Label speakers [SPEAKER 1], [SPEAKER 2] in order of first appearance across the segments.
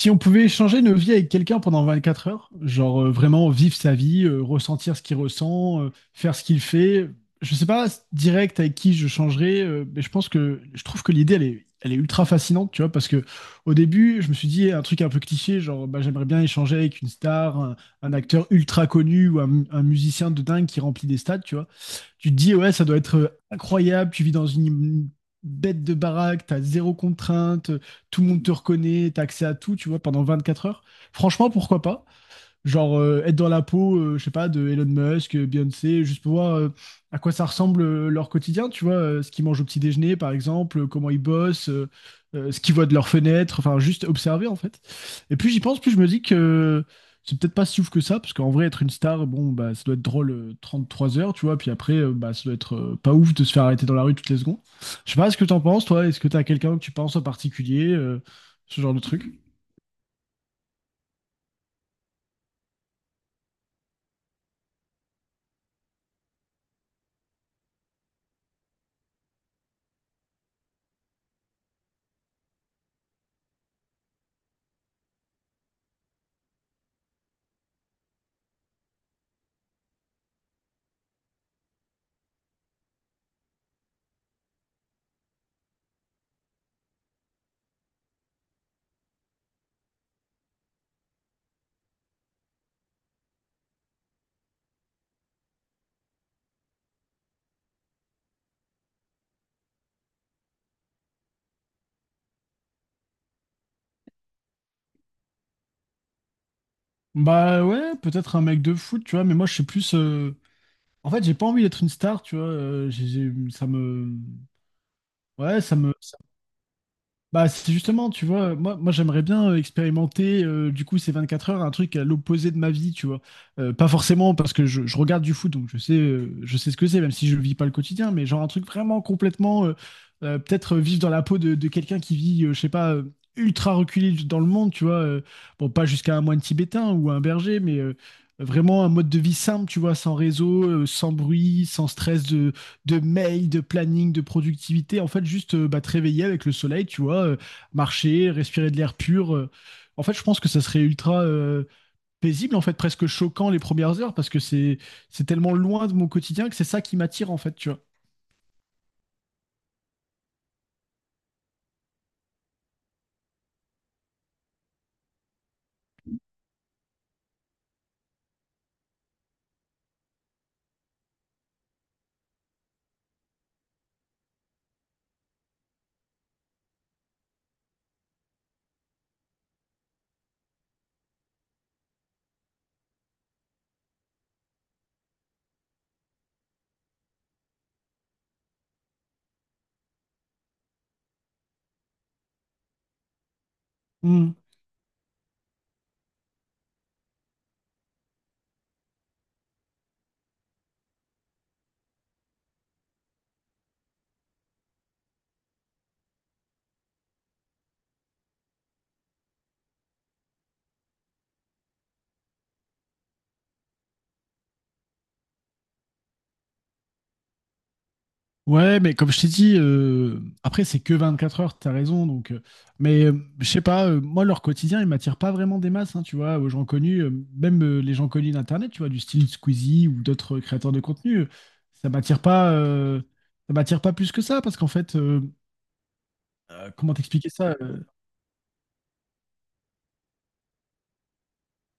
[SPEAKER 1] Si on pouvait échanger nos vies avec quelqu'un pendant 24 heures, genre vraiment vivre sa vie, ressentir ce qu'il ressent, faire ce qu'il fait, je sais pas direct avec qui je changerais, mais je pense que je trouve que l'idée elle est ultra fascinante, tu vois, parce que au début je me suis dit un truc un peu cliché, genre bah, j'aimerais bien échanger avec une star, un acteur ultra connu ou un musicien de dingue qui remplit des stades, tu vois. Tu te dis, ouais, ça doit être incroyable, tu vis dans une bête de baraque, t'as zéro contrainte, tout le monde te reconnaît, t'as accès à tout, tu vois, pendant 24 heures. Franchement, pourquoi pas? Genre être dans la peau, je sais pas, de Elon Musk, Beyoncé, juste pour voir à quoi ça ressemble leur quotidien, tu vois, ce qu'ils mangent au petit déjeuner, par exemple, comment ils bossent, ce qu'ils voient de leur fenêtre, enfin, juste observer, en fait. Et plus j'y pense, plus je me dis que c'est peut-être pas si ouf que ça, parce qu'en vrai, être une star, bon, bah, ça doit être drôle 33 heures, tu vois, puis après, bah, ça doit être pas ouf de se faire arrêter dans la rue toutes les secondes. Je sais pas ce que t'en penses, toi, est-ce que t'as quelqu'un que tu penses en particulier, ce genre de truc? Bah ouais, peut-être un mec de foot, tu vois, mais moi je suis plus. En fait, j'ai pas envie d'être une star, tu vois. Ça me. Ouais, ça me. Bah, c'est justement, tu vois, moi j'aimerais bien expérimenter, du coup, ces 24 heures, un truc à l'opposé de ma vie, tu vois. Pas forcément parce que je regarde du foot, donc je sais ce que c'est, même si je vis pas le quotidien, mais genre un truc vraiment complètement, peut-être vivre dans la peau de quelqu'un qui vit, je sais pas, ultra reculé dans le monde, tu vois. Bon, pas jusqu'à un moine tibétain ou un berger, mais vraiment un mode de vie simple, tu vois, sans réseau, sans bruit, sans stress de mails, de planning, de productivité. En fait, juste bah, te réveiller avec le soleil, tu vois, marcher, respirer de l'air pur. En fait, je pense que ça serait ultra paisible, en fait, presque choquant les premières heures, parce que c'est tellement loin de mon quotidien que c'est ça qui m'attire, en fait, tu vois. Ouais, mais comme je t'ai dit, après, c'est que 24 heures, t'as raison. Donc, mais je sais pas, moi, leur quotidien, il m'attire pas vraiment des masses, hein, tu vois, aux gens connus, même les gens connus d'Internet, tu vois, du style Squeezie ou d'autres créateurs de contenu, ça m'attire pas, euh, ça m'attire pas plus que ça, parce qu'en fait, comment t'expliquer ça?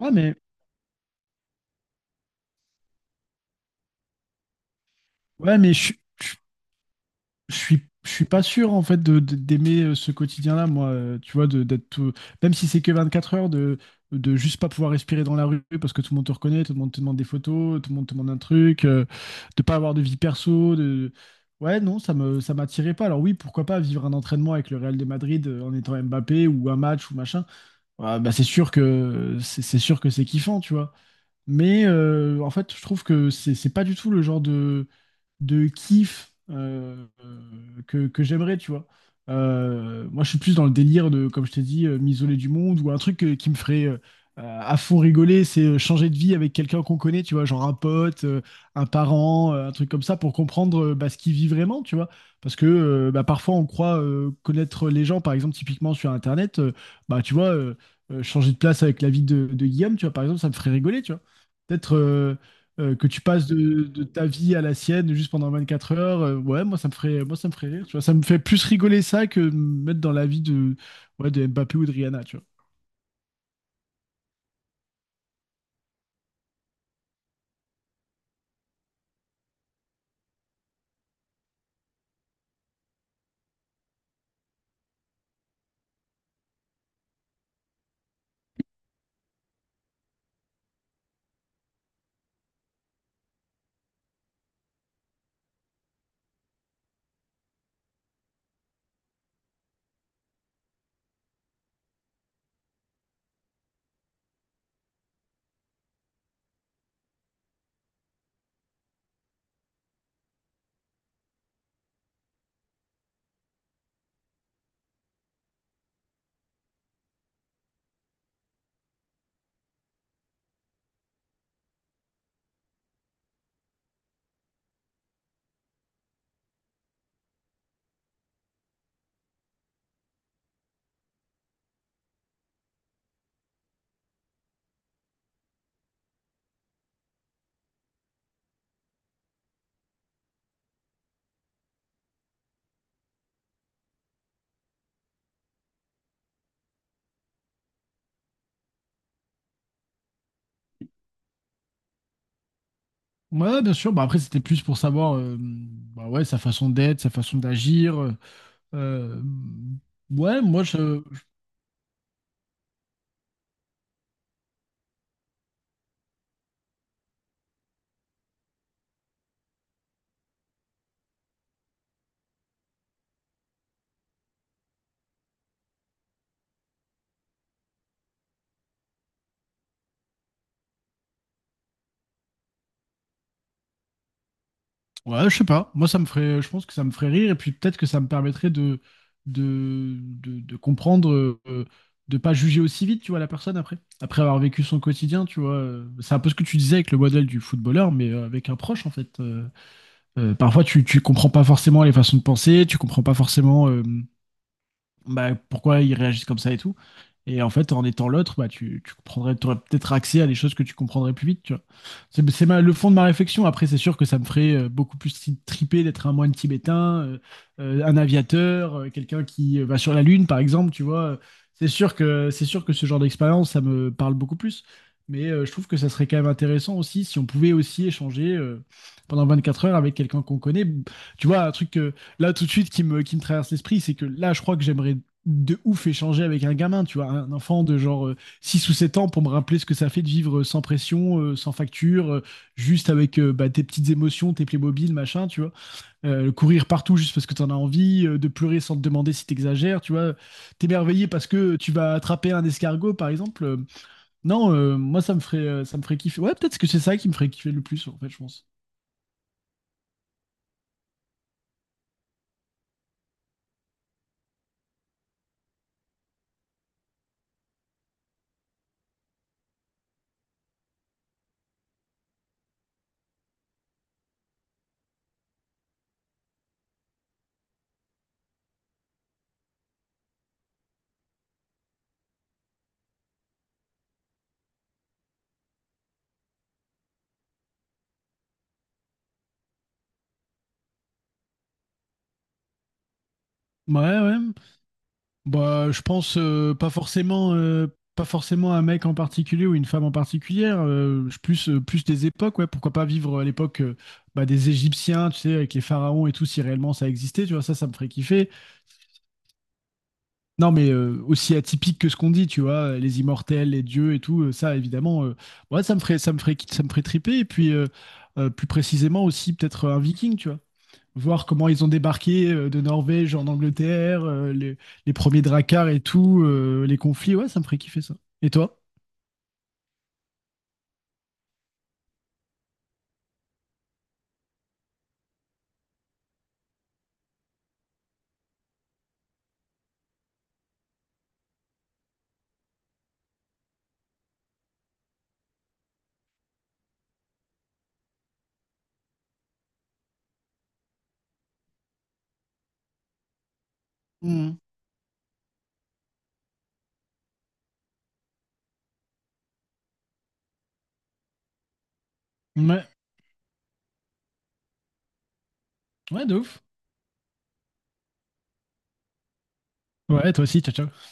[SPEAKER 1] ouais, mais, ouais, mais suis je suis pas sûr en fait d'aimer ce quotidien-là, moi, tu vois, même si c'est que 24 heures de juste pas pouvoir respirer dans la rue parce que tout le monde te reconnaît, tout le monde te demande des photos, tout le monde te demande un truc, de pas avoir de vie perso, de. Ouais, non, ça m'attirait pas. Alors oui, pourquoi pas vivre un entraînement avec le Real de Madrid en étant Mbappé ou un match ou machin. Ah, bah c'est sûr que c'est kiffant, tu vois. Mais en fait je trouve que c'est pas du tout le genre de kiff que j'aimerais, tu vois. Moi, je suis plus dans le délire de, comme je t'ai dit, m'isoler du monde ou un truc qui me ferait à fond rigoler, c'est changer de vie avec quelqu'un qu'on connaît, tu vois, genre un pote, un parent, un truc comme ça, pour comprendre bah, ce qu'il vit vraiment, tu vois. Parce que bah, parfois, on croit connaître les gens, par exemple, typiquement sur Internet, bah, tu vois, euh, changer de place avec la vie de Guillaume, tu vois, par exemple, ça me ferait rigoler, tu vois. Peut-être. Que tu passes de ta vie à la sienne juste pendant 24 heures, ouais, moi ça me ferait rire, tu vois. Ça me fait plus rigoler ça que me mettre dans la vie de Mbappé ou de Rihanna, tu vois. Ouais, bien sûr. Bah après, c'était plus pour savoir, bah ouais, sa façon d'être, sa façon d'agir. Euh, ouais, moi je, Ouais, je sais pas. Moi, ça me ferait, je pense que ça me ferait rire et puis peut-être que ça me permettrait de comprendre, de pas juger aussi vite, tu vois, la personne après. Après avoir vécu son quotidien, tu vois. C'est un peu ce que tu disais avec le modèle du footballeur, mais avec un proche en fait. Parfois, tu comprends pas forcément les façons de penser, tu comprends pas forcément. Bah, pourquoi ils réagissent comme ça et tout. Et en fait, en étant l'autre, bah, tu comprendrais, t'aurais peut-être accès à des choses que tu comprendrais plus vite, tu vois. Le fond de ma réflexion. Après, c'est sûr que ça me ferait beaucoup plus triper d'être un moine tibétain, un aviateur, quelqu'un qui va sur la Lune, par exemple, tu vois. C'est sûr que ce genre d'expérience, ça me parle beaucoup plus. Mais je trouve que ça serait quand même intéressant aussi si on pouvait aussi échanger pendant 4 heures avec quelqu'un qu'on connaît. Tu vois, un truc là tout de suite qui me traverse l'esprit, c'est que là, je crois que j'aimerais de ouf échanger avec un gamin, tu vois, un enfant de genre 6 ou 7 ans pour me rappeler ce que ça fait de vivre sans pression, sans facture, juste avec bah, tes petites émotions, tes Playmobil, machin, tu vois. Courir partout juste parce que t'en as envie, de pleurer sans te demander si t'exagères, tu vois. T'émerveiller parce que tu vas attraper un escargot, par exemple. Non, moi, ça me ferait kiffer. Ouais, peut-être que c'est ça qui me ferait kiffer le plus, en fait, je pense. Ouais, ouais, bah, je pense pas forcément, pas forcément un mec en particulier ou une femme en particulière. Plus des époques, ouais. Pourquoi pas vivre à l'époque bah, des Égyptiens, tu sais, avec les pharaons et tout, si réellement ça existait, tu vois, ça me ferait kiffer. Non, mais aussi atypique que ce qu'on dit, tu vois, les immortels, les dieux et tout, ça, évidemment, ouais, ça me ferait triper. Et puis, plus précisément aussi peut-être un viking, tu vois, voir comment ils ont débarqué de Norvège en Angleterre, les premiers dracars et tout, les conflits. Ouais, ça me ferait kiffer ça. Et toi? Mm. Ouais, ouais, de ouf. Ouais, toi aussi, ciao, ciao.